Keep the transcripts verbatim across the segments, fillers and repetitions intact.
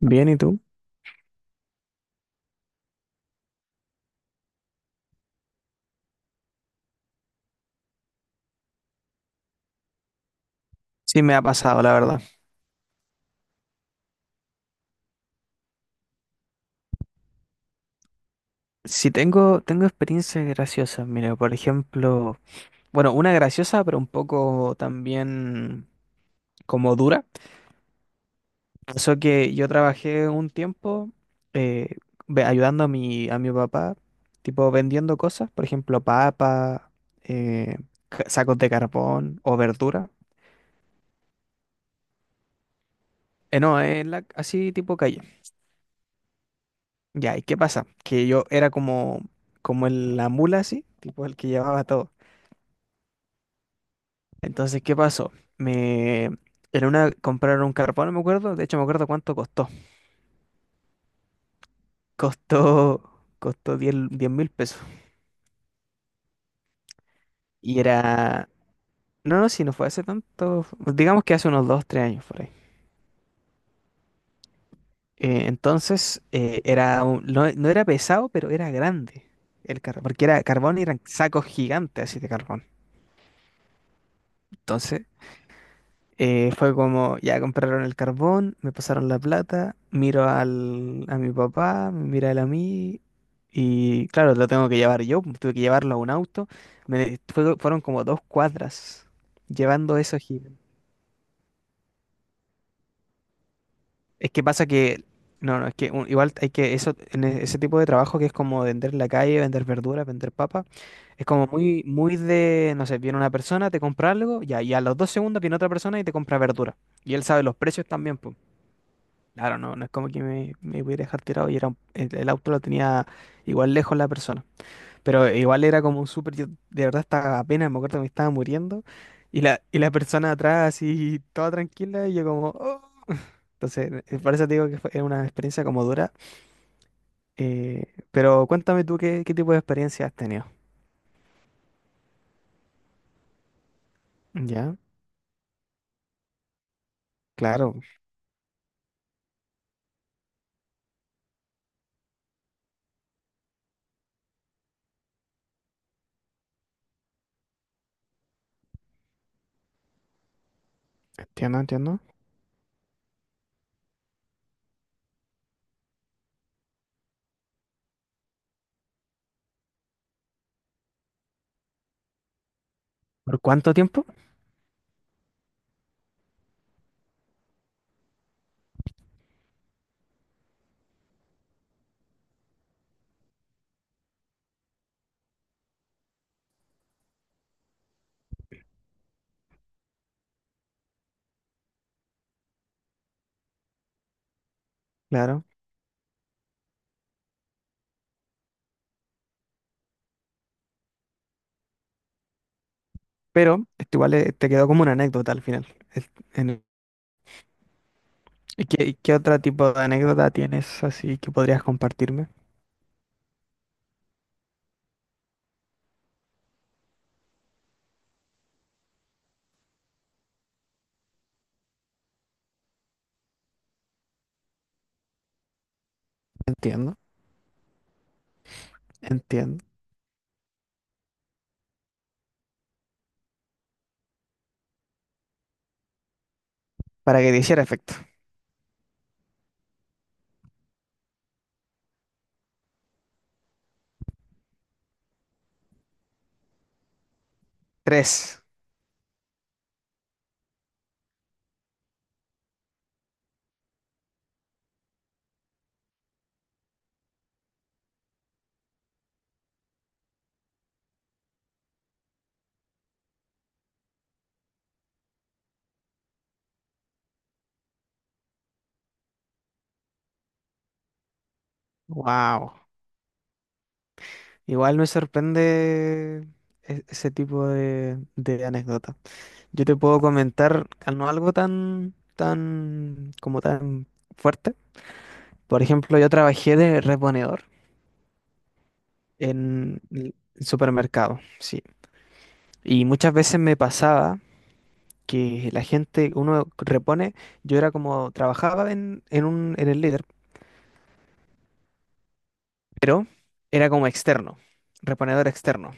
Bien, ¿y tú? Sí, me ha pasado, la verdad. Sí, tengo, tengo experiencias graciosas. Mira, por ejemplo, bueno, una graciosa, pero un poco también como dura. Pasó que yo trabajé un tiempo eh, ve- ayudando a mi, a mi papá, tipo vendiendo cosas, por ejemplo, papas, eh, ca- sacos de carbón o verdura. Eh, no, en la, así tipo calle. Ya, ¿y qué pasa? Que yo era como, como el- la mula así, tipo el que llevaba todo. Entonces, ¿qué pasó? Me... En una compraron un carbón, no me acuerdo. De hecho, me acuerdo cuánto costó. Costó, costó diez mil pesos. Y era... No, no, si no fue hace tanto. Digamos que hace unos dos tres años por ahí. Eh, entonces, eh, era un- no, no era pesado, pero era grande el carbón. Porque era carbón y eran sacos gigantes así de carbón. Entonces, Eh, fue como, ya compraron el carbón, me pasaron la plata, miro al, a mi papá, me mira él a mí, y claro, lo tengo que llevar yo, tuve que llevarlo a un auto. Me, fue- fueron como dos cuadras llevando eso gigante. Es que pasa que, no, no, es que un- igual hay que, eso, en e- ese tipo de trabajo que es como vender en la calle, vender verduras, vender papas, es como muy, muy de, no sé, viene una persona, te compra algo, ya, y a los dos segundos viene otra persona y te compra verdura. Y él sabe los precios también, pues. Claro, no, no es como que me, me pudiera dejar tirado y era un- el, el auto lo tenía igual lejos la persona. Pero igual era como un súper, yo de verdad estaba apenas, me acuerdo que me estaba muriendo y la, y la persona atrás así toda tranquila y yo como, "Oh". Entonces, eh, por eso te digo que fue una experiencia como dura. Eh, pero cuéntame tú qué, qué tipo de experiencia has tenido. Ya, claro, entiendo, entiendo. ¿Por cuánto tiempo? Claro. Pero esto igual eh, te quedó como una anécdota al final. Es- En ¿Y qué, qué otro tipo de anécdota tienes así que podrías compartirme? Entiendo, entiendo. Para que te hiciera efecto. Tres. Wow. Igual me sorprende e- ese tipo de, de anécdota. Yo te puedo comentar al- no algo tan, tan, como tan fuerte. Por ejemplo, yo trabajé de reponedor en el supermercado, sí. Y muchas veces me pasaba, que la gente, uno repone, yo era como, trabajaba en, en un, en el líder, pero era como externo, reponedor externo.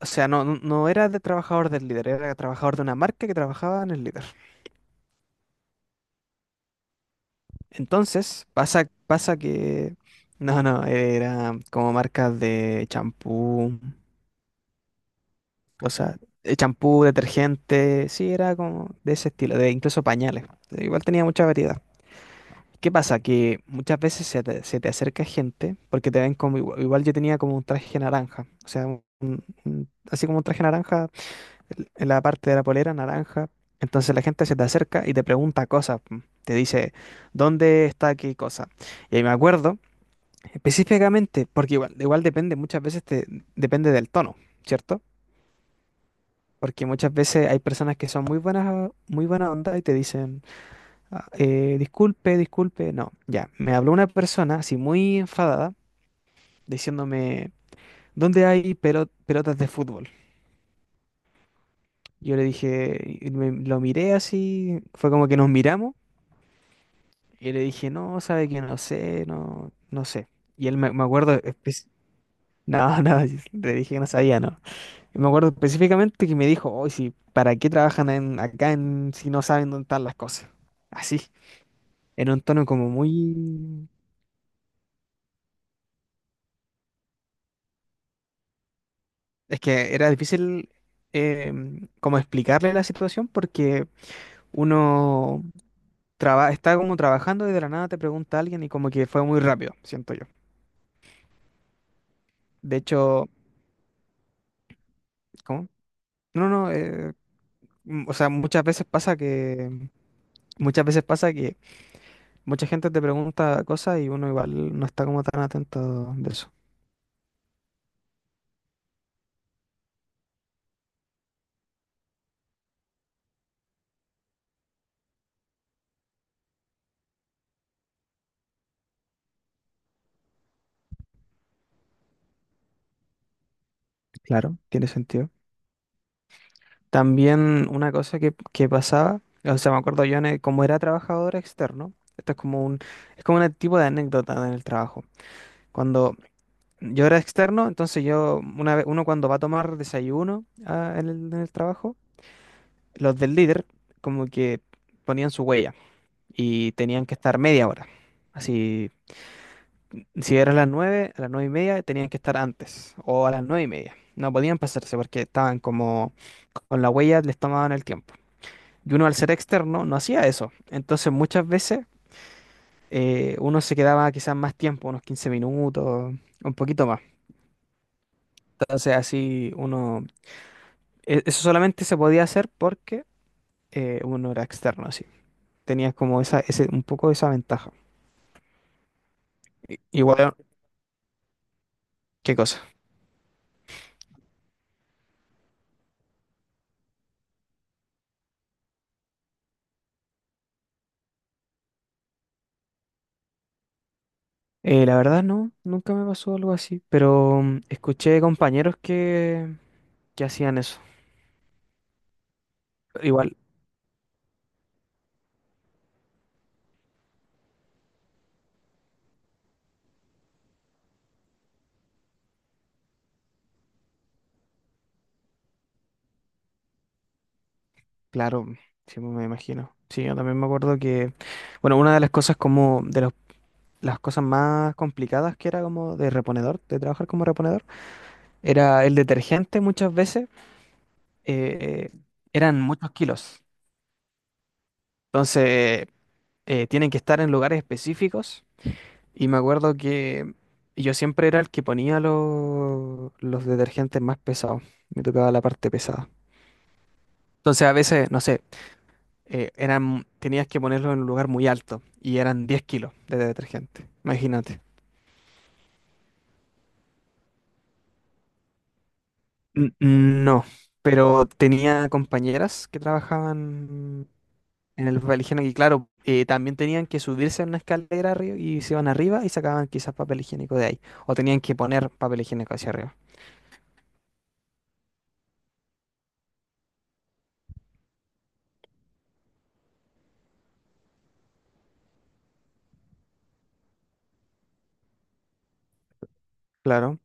O sea, no, no no era de trabajador del líder, era trabajador de una marca que trabajaba en el líder. Entonces, pasa, pasa que, no, no, era como marcas de champú, cosas, eh, champú, detergente, sí, era como de ese estilo, de incluso pañales. Igual tenía mucha variedad. ¿Qué pasa? Que muchas veces se te, se te acerca gente porque te ven como igual, igual yo tenía como un traje naranja, o sea, un- un- así como un traje naranja en la parte de la polera naranja. Entonces la gente se te acerca y te pregunta cosas, mm, te dice, ¿dónde está qué cosa? Y ahí me acuerdo específicamente, porque igual, igual depende, muchas veces te, depende del tono, ¿cierto? Porque muchas veces hay personas que son muy buenas, muy buena onda y te dicen, "Ah, eh, disculpe, disculpe." No, ya. Me habló una persona así muy enfadada diciéndome, ¿dónde hay pelo- pelotas de fútbol? Yo le dije, y me- lo miré así, fue como que nos miramos y le dije, no, sabe que no sé, no, no sé. Y él me, me acuerdo, espe- no, no, le dije que no sabía, no. Y me acuerdo específicamente que me dijo, oye, sí, ¿para qué trabajan en- acá en, si no saben dónde están las cosas? Así, en un tono como muy. Es que era difícil eh, como explicarle la situación porque uno traba- está como trabajando y de la nada te pregunta a alguien y como que fue muy rápido, siento yo. De hecho, ¿cómo? No, no, eh, mm, o sea, muchas veces pasa que muchas veces pasa que mucha gente te pregunta cosas y uno igual no está como tan atento de eso. Claro, tiene sentido. También una cosa que, que pasaba, o sea, me acuerdo yo, en el- como era trabajador externo, esto es como un, es como un tipo de anécdota en el trabajo. Cuando yo era externo, entonces yo, una vez, uno cuando va a tomar desayuno ah, en el, en el trabajo, los del líder como que ponían su huella y tenían que estar media hora. Así, si era a las nueve, a las nueve y media tenían que estar antes, o a las nueve y media. No podían pasarse porque estaban como con la huella, les tomaban el tiempo. Y uno al ser externo no hacía eso. Entonces muchas veces eh, uno se quedaba quizás más tiempo, unos quince minutos, un poquito más. Entonces así uno, e- eso solamente se podía hacer porque eh, uno era externo, así. Tenías como esa, ese, un poco esa ventaja. I- Igual, ¿qué cosa? Eh, la verdad no, nunca me pasó algo así, pero mm, escuché compañeros que, que hacían eso. Igual, claro, sí me imagino. Sí, yo también me acuerdo que, bueno, una de las cosas como de los las cosas más complicadas que era como de reponedor, de trabajar como reponedor, era el detergente muchas veces, eh, eran muchos kilos. Entonces, eh, tienen que estar en lugares específicos. Y me acuerdo que yo siempre era el que ponía los, los detergentes más pesados. Me tocaba la parte pesada. Entonces, a veces, no sé, eh, eran, tenías que ponerlo en un lugar muy alto y eran diez kilos de detergente. Imagínate. N- No, pero tenía compañeras que trabajaban en el papel higiénico y claro, eh, también tenían que subirse a una escalera arriba y se iban arriba y sacaban quizás papel higiénico de ahí. O tenían que poner papel higiénico hacia arriba. Claro,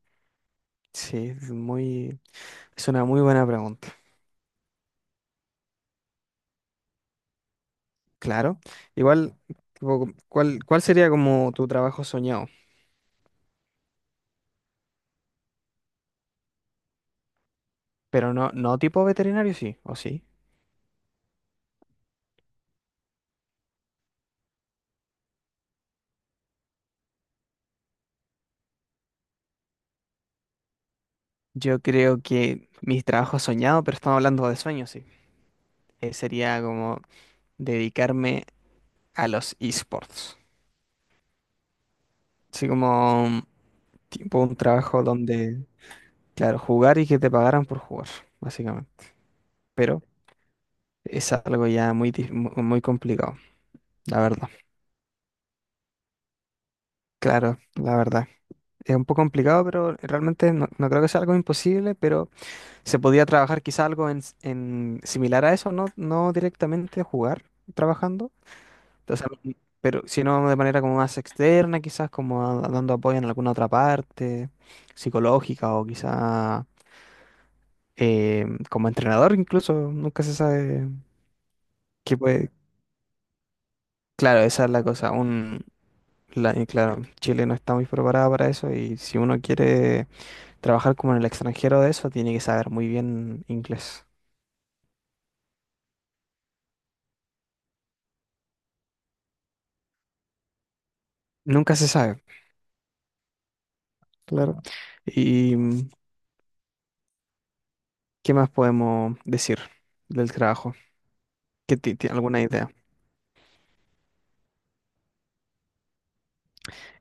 sí, es muy, es una muy buena pregunta. Claro, igual, tipo, ¿cuál, cuál sería como tu trabajo soñado? Pero no, no tipo veterinario, sí, o sí. Yo creo que mis trabajos soñados, pero estamos hablando de sueños, sí. Eh, sería como dedicarme a los esports. Así como mm, tipo un trabajo donde, claro, jugar y que te pagaran por jugar, básicamente. Pero es algo ya muy, dif- mu- muy complicado, la verdad. Claro, la verdad. Es un poco complicado, pero realmente no, no creo que sea algo imposible, pero se podía trabajar quizá algo en, s- en similar a eso, no, no directamente jugar trabajando. Entonces, m- pero sino de manera como más externa, quizás como a- dando apoyo en alguna otra parte psicológica o quizá eh, como entrenador incluso, nunca se sabe qué puede. Claro, esa es la cosa. Un, la- y claro, Chile no está muy preparada para eso y si uno quiere trabajar como en el extranjero de eso, tiene que saber muy bien inglés. Nunca se sabe, claro. ¿Y mm, qué más podemos decir del trabajo? ¿Qué ti- ti- alguna idea?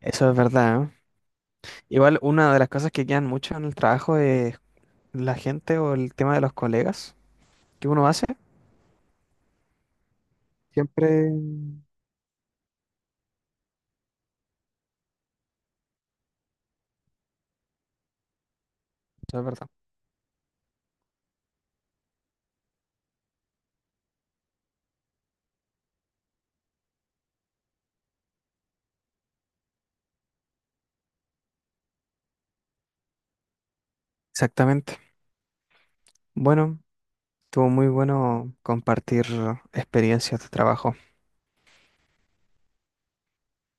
Eso es verdad, ¿eh? Igual una de las cosas que quedan mucho en el trabajo es la gente o el tema de los colegas que uno hace. Siempre. Eso es verdad. Exactamente. Bueno, estuvo muy bueno compartir experiencias de trabajo.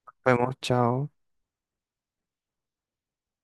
Nos vemos, chao.